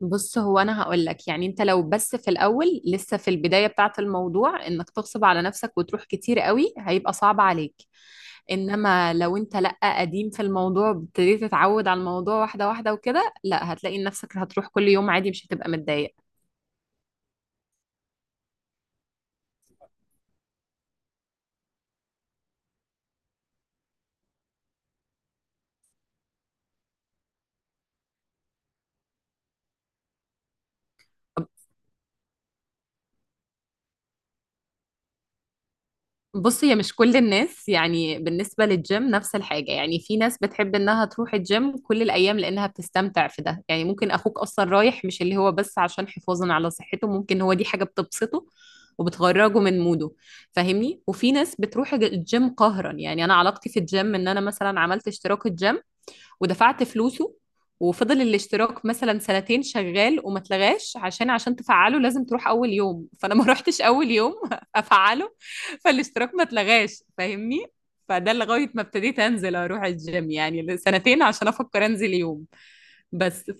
بص، هو انا هقول لك يعني انت لو بس في الاول لسه في البدايه بتاعه الموضوع، انك تغصب على نفسك وتروح كتير قوي هيبقى صعب عليك. انما لو انت لا قديم في الموضوع، ابتديت تتعود على الموضوع واحده واحده وكده، لا هتلاقي نفسك هتروح كل يوم عادي مش هتبقى متضايق. بص، هي مش كل الناس يعني بالنسبة للجيم نفس الحاجة. يعني في ناس بتحب انها تروح الجيم كل الأيام لأنها بتستمتع في ده. يعني ممكن أخوك أصلا رايح مش اللي هو بس عشان حفاظا على صحته، ممكن هو دي حاجة بتبسطه وبتخرجه من موده، فاهمني. وفي ناس بتروح الجيم قهرا. يعني أنا علاقتي في الجيم إن أنا مثلا عملت اشتراك الجيم، ودفعت فلوسه، وفضل الاشتراك مثلا سنتين شغال وما اتلغاش، عشان تفعله لازم تروح اول يوم. فانا ما روحتش اول يوم افعله. فالاشتراك ما اتلغاش، فاهمني. فده لغايه ما ابتديت انزل اروح الجيم يعني سنتين عشان افكر انزل يوم بس.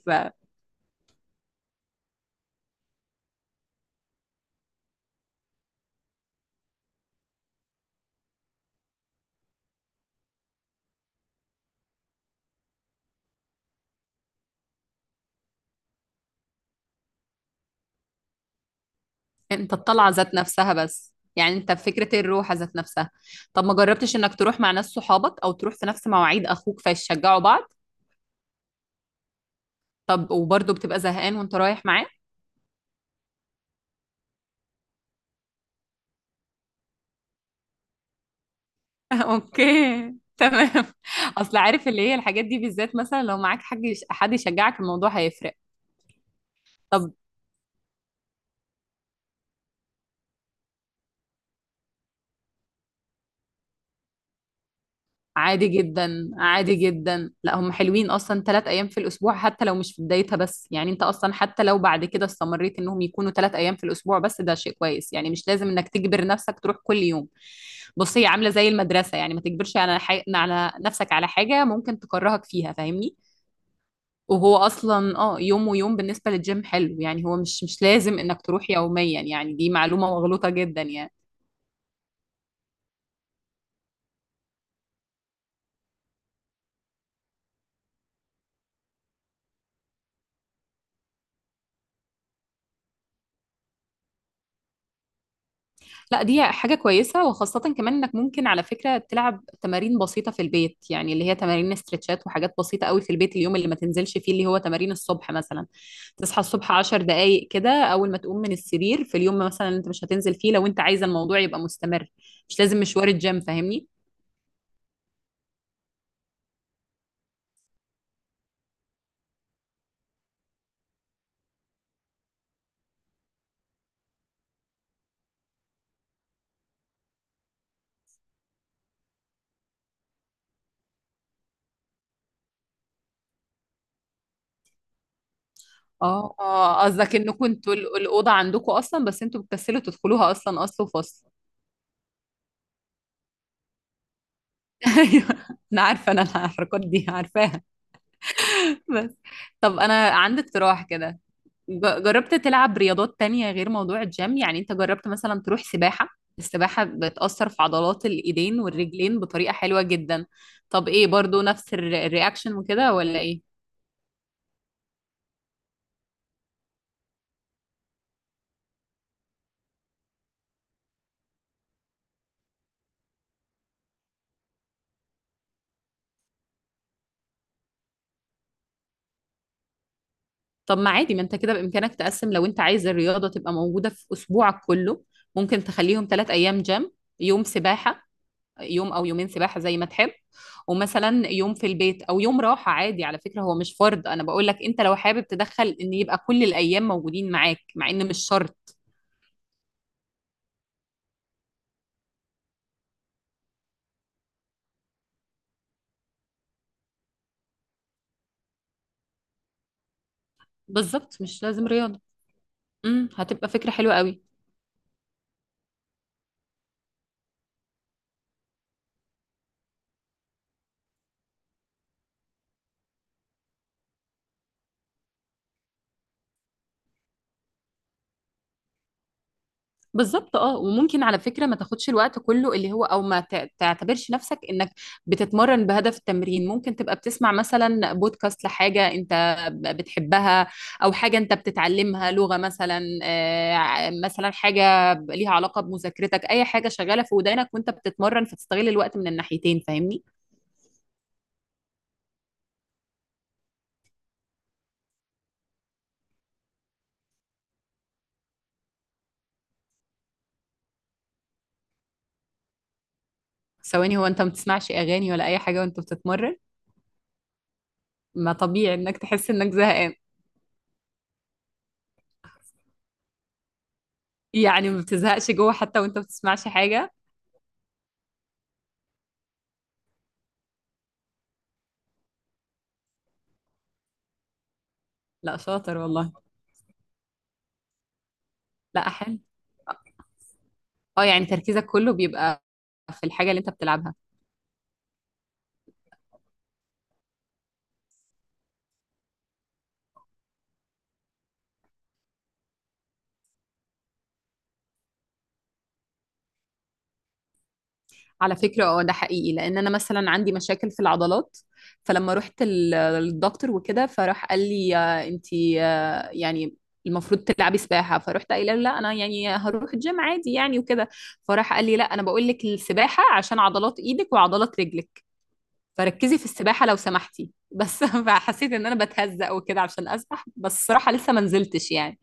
فانت الطلعه ذات نفسها، بس يعني انت فكره الروحه ذات نفسها. طب ما جربتش انك تروح مع ناس صحابك، او تروح في نفس مواعيد اخوك فيشجعوا بعض؟ طب وبرضه بتبقى زهقان وانت رايح معاه؟ اوكي، تمام. اصل عارف، اللي هي الحاجات دي بالذات مثلا لو معاك حد يشجعك الموضوع هيفرق. طب، عادي جدا عادي جدا. لا، هم حلوين اصلا 3 ايام في الاسبوع حتى لو مش في بدايتها، بس يعني انت اصلا حتى لو بعد كده استمريت، انهم يكونوا 3 ايام في الاسبوع بس، ده شيء كويس. يعني مش لازم انك تجبر نفسك تروح كل يوم. بص، هي عامله زي المدرسه. يعني ما تجبرش على على نفسك على حاجه ممكن تكرهك فيها، فاهمني. وهو اصلا، يوم ويوم بالنسبه للجيم حلو. يعني هو مش لازم انك تروح يوميا. يعني دي معلومه مغلوطه جدا يعني. لا، دي حاجه كويسه، وخاصه كمان انك ممكن على فكره تلعب تمارين بسيطه في البيت، يعني اللي هي تمارين استرتشات وحاجات بسيطه قوي في البيت، اليوم اللي ما تنزلش فيه، اللي هو تمارين الصبح مثلا. تصحى الصبح 10 دقائق كده اول ما تقوم من السرير، في اليوم مثلا انت مش هتنزل فيه، لو انت عايزه الموضوع يبقى مستمر. مش لازم مشوار الجيم، فاهمني. اه، اه، قصدك انه كنتوا الاوضه عندكم اصلا بس انتوا بتكسلوا تدخلوها، اصلا اصل وفصل. ايوه. انا عارفه، انا الحركات دي عارفاها. بس. طب، انا عندي اقتراح كده. جربت تلعب رياضات تانية غير موضوع الجيم؟ يعني انت جربت مثلا تروح سباحه؟ السباحه بتاثر في عضلات الايدين والرجلين بطريقه حلوه جدا. طب ايه، برضو نفس الرياكشن وكده ولا ايه؟ طب ما عادي، ما انت كده بامكانك تقسم، لو انت عايز الرياضه تبقى موجوده في اسبوعك كله. ممكن تخليهم 3 ايام جيم. يوم سباحه. يوم او يومين سباحه زي ما تحب. ومثلا يوم في البيت او يوم راحه عادي. على فكره هو مش فرض، انا بقول لك انت لو حابب تدخل ان يبقى كل الايام موجودين معاك، مع ان مش شرط. بالظبط، مش لازم رياضه. هتبقى فكره حلوه قوي. بالظبط، اه. وممكن على فكره ما تاخدش الوقت كله اللي هو، او ما تع- تعتبرش نفسك انك بتتمرن بهدف التمرين. ممكن تبقى بتسمع مثلا بودكاست لحاجه انت بتحبها. او حاجه انت بتتعلمها، لغه مثلا، مثلا حاجه ليها علاقه بمذاكرتك، اي حاجه شغاله في ودانك وانت بتتمرن فتستغل الوقت من الناحيتين، فاهمني. ثواني، هو انت ما بتسمعش اغاني ولا اي حاجه وانت بتتمرن؟ ما طبيعي انك تحس انك زهقان. يعني ما بتزهقش جوه حتى وانت ما بتسمعش حاجه؟ لا، شاطر والله. لا، حلو. اه، يعني تركيزك كله بيبقى في الحاجة اللي انت بتلعبها. على فكرة، اه، ده حقيقي. لان انا مثلا عندي مشاكل في العضلات. فلما رحت للدكتور وكده، فراح قال لي انت، يعني المفروض تلعبي سباحة. فرحت قايله له لا، انا يعني هروح الجيم عادي يعني وكده. فراح قال لي لا، انا بقول لك السباحة عشان عضلات ايدك وعضلات رجلك. فركزي في السباحة لو سمحتي، بس فحسيت ان انا بتهزق وكده عشان اسبح، بس الصراحة لسه ما نزلتش يعني.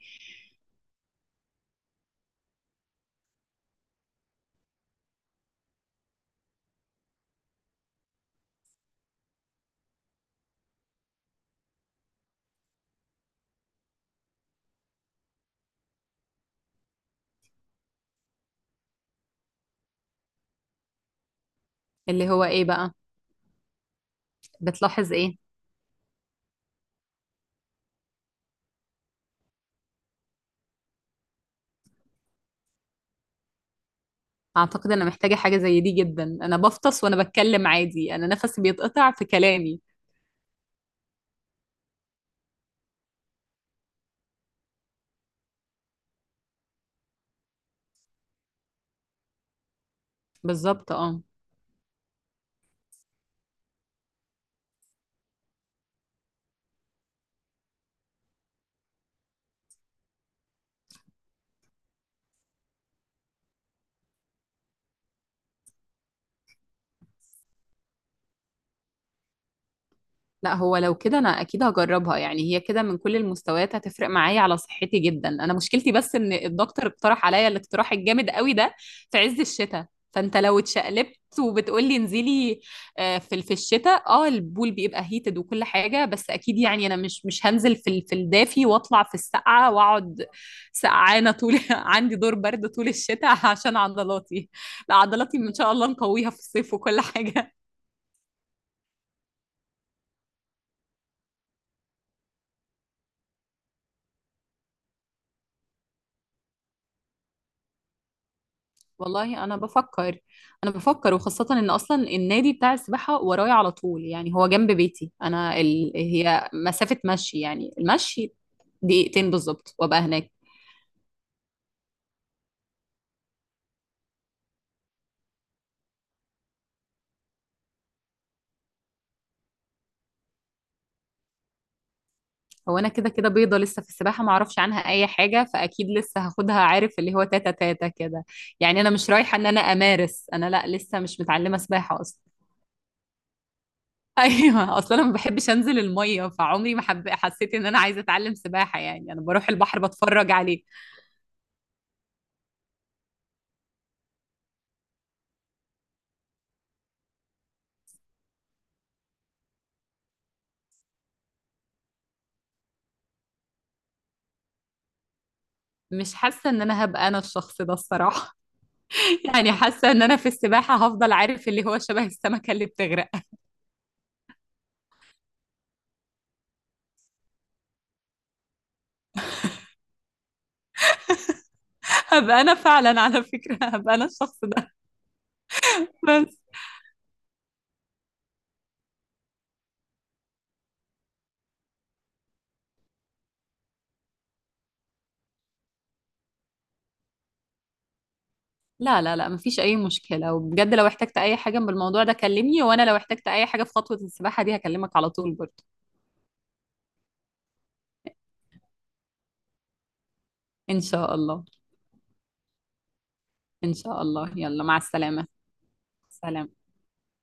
اللي هو ايه بقى؟ بتلاحظ ايه؟ اعتقد انا محتاجة حاجة زي دي جدا. انا بفطس وانا بتكلم عادي، انا نفسي بيتقطع في كلامي. بالظبط، اه. لا، هو لو كده انا اكيد هجربها. يعني هي كده من كل المستويات هتفرق معايا على صحتي جدا. انا مشكلتي بس ان الدكتور اقترح عليا الاقتراح الجامد قوي ده في عز الشتاء، فانت لو اتشقلبت وبتقولي انزلي. في الشتاء، البول بيبقى هيتد وكل حاجه. بس اكيد يعني انا مش هنزل في في الدافي واطلع في السقعه واقعد. سقعانه طول عندي دور برد طول الشتاء عشان عضلاتي. لا، عضلاتي ان شاء الله نقويها في الصيف وكل حاجه. والله انا بفكر. انا بفكر وخاصه ان اصلا النادي بتاع السباحه ورايا على طول. يعني هو جنب بيتي انا هي مسافه مشي. يعني المشي دقيقتين بالظبط وابقى هناك. هو انا كده كده بيضه لسه في السباحه، ما اعرفش عنها اي حاجه. فاكيد لسه هاخدها، عارف اللي هو تاتا تاتا كده. يعني انا مش رايحه ان انا امارس، انا لا، لسه مش متعلمه سباحه اصلا. ايوه، اصلا انا ما بحبش انزل الميه، فعمري ما حسيت ان انا عايزه اتعلم سباحه. يعني انا بروح البحر بتفرج عليه. مش حاسة ان انا هبقى انا الشخص ده الصراحة. يعني حاسة ان انا في السباحة هفضل، عارف اللي هو، شبه السمكة اللي بتغرق. هبقى انا فعلا، على فكرة هبقى انا الشخص ده. بس. لا، لا، لا، مفيش اي مشكلة. وبجد لو احتجت اي حاجة بالموضوع ده كلمني، وانا لو احتجت اي حاجة في خطوة السباحة دي هكلمك على طول برضه. ان شاء الله. ان شاء الله، يلا، مع السلامة. سلام.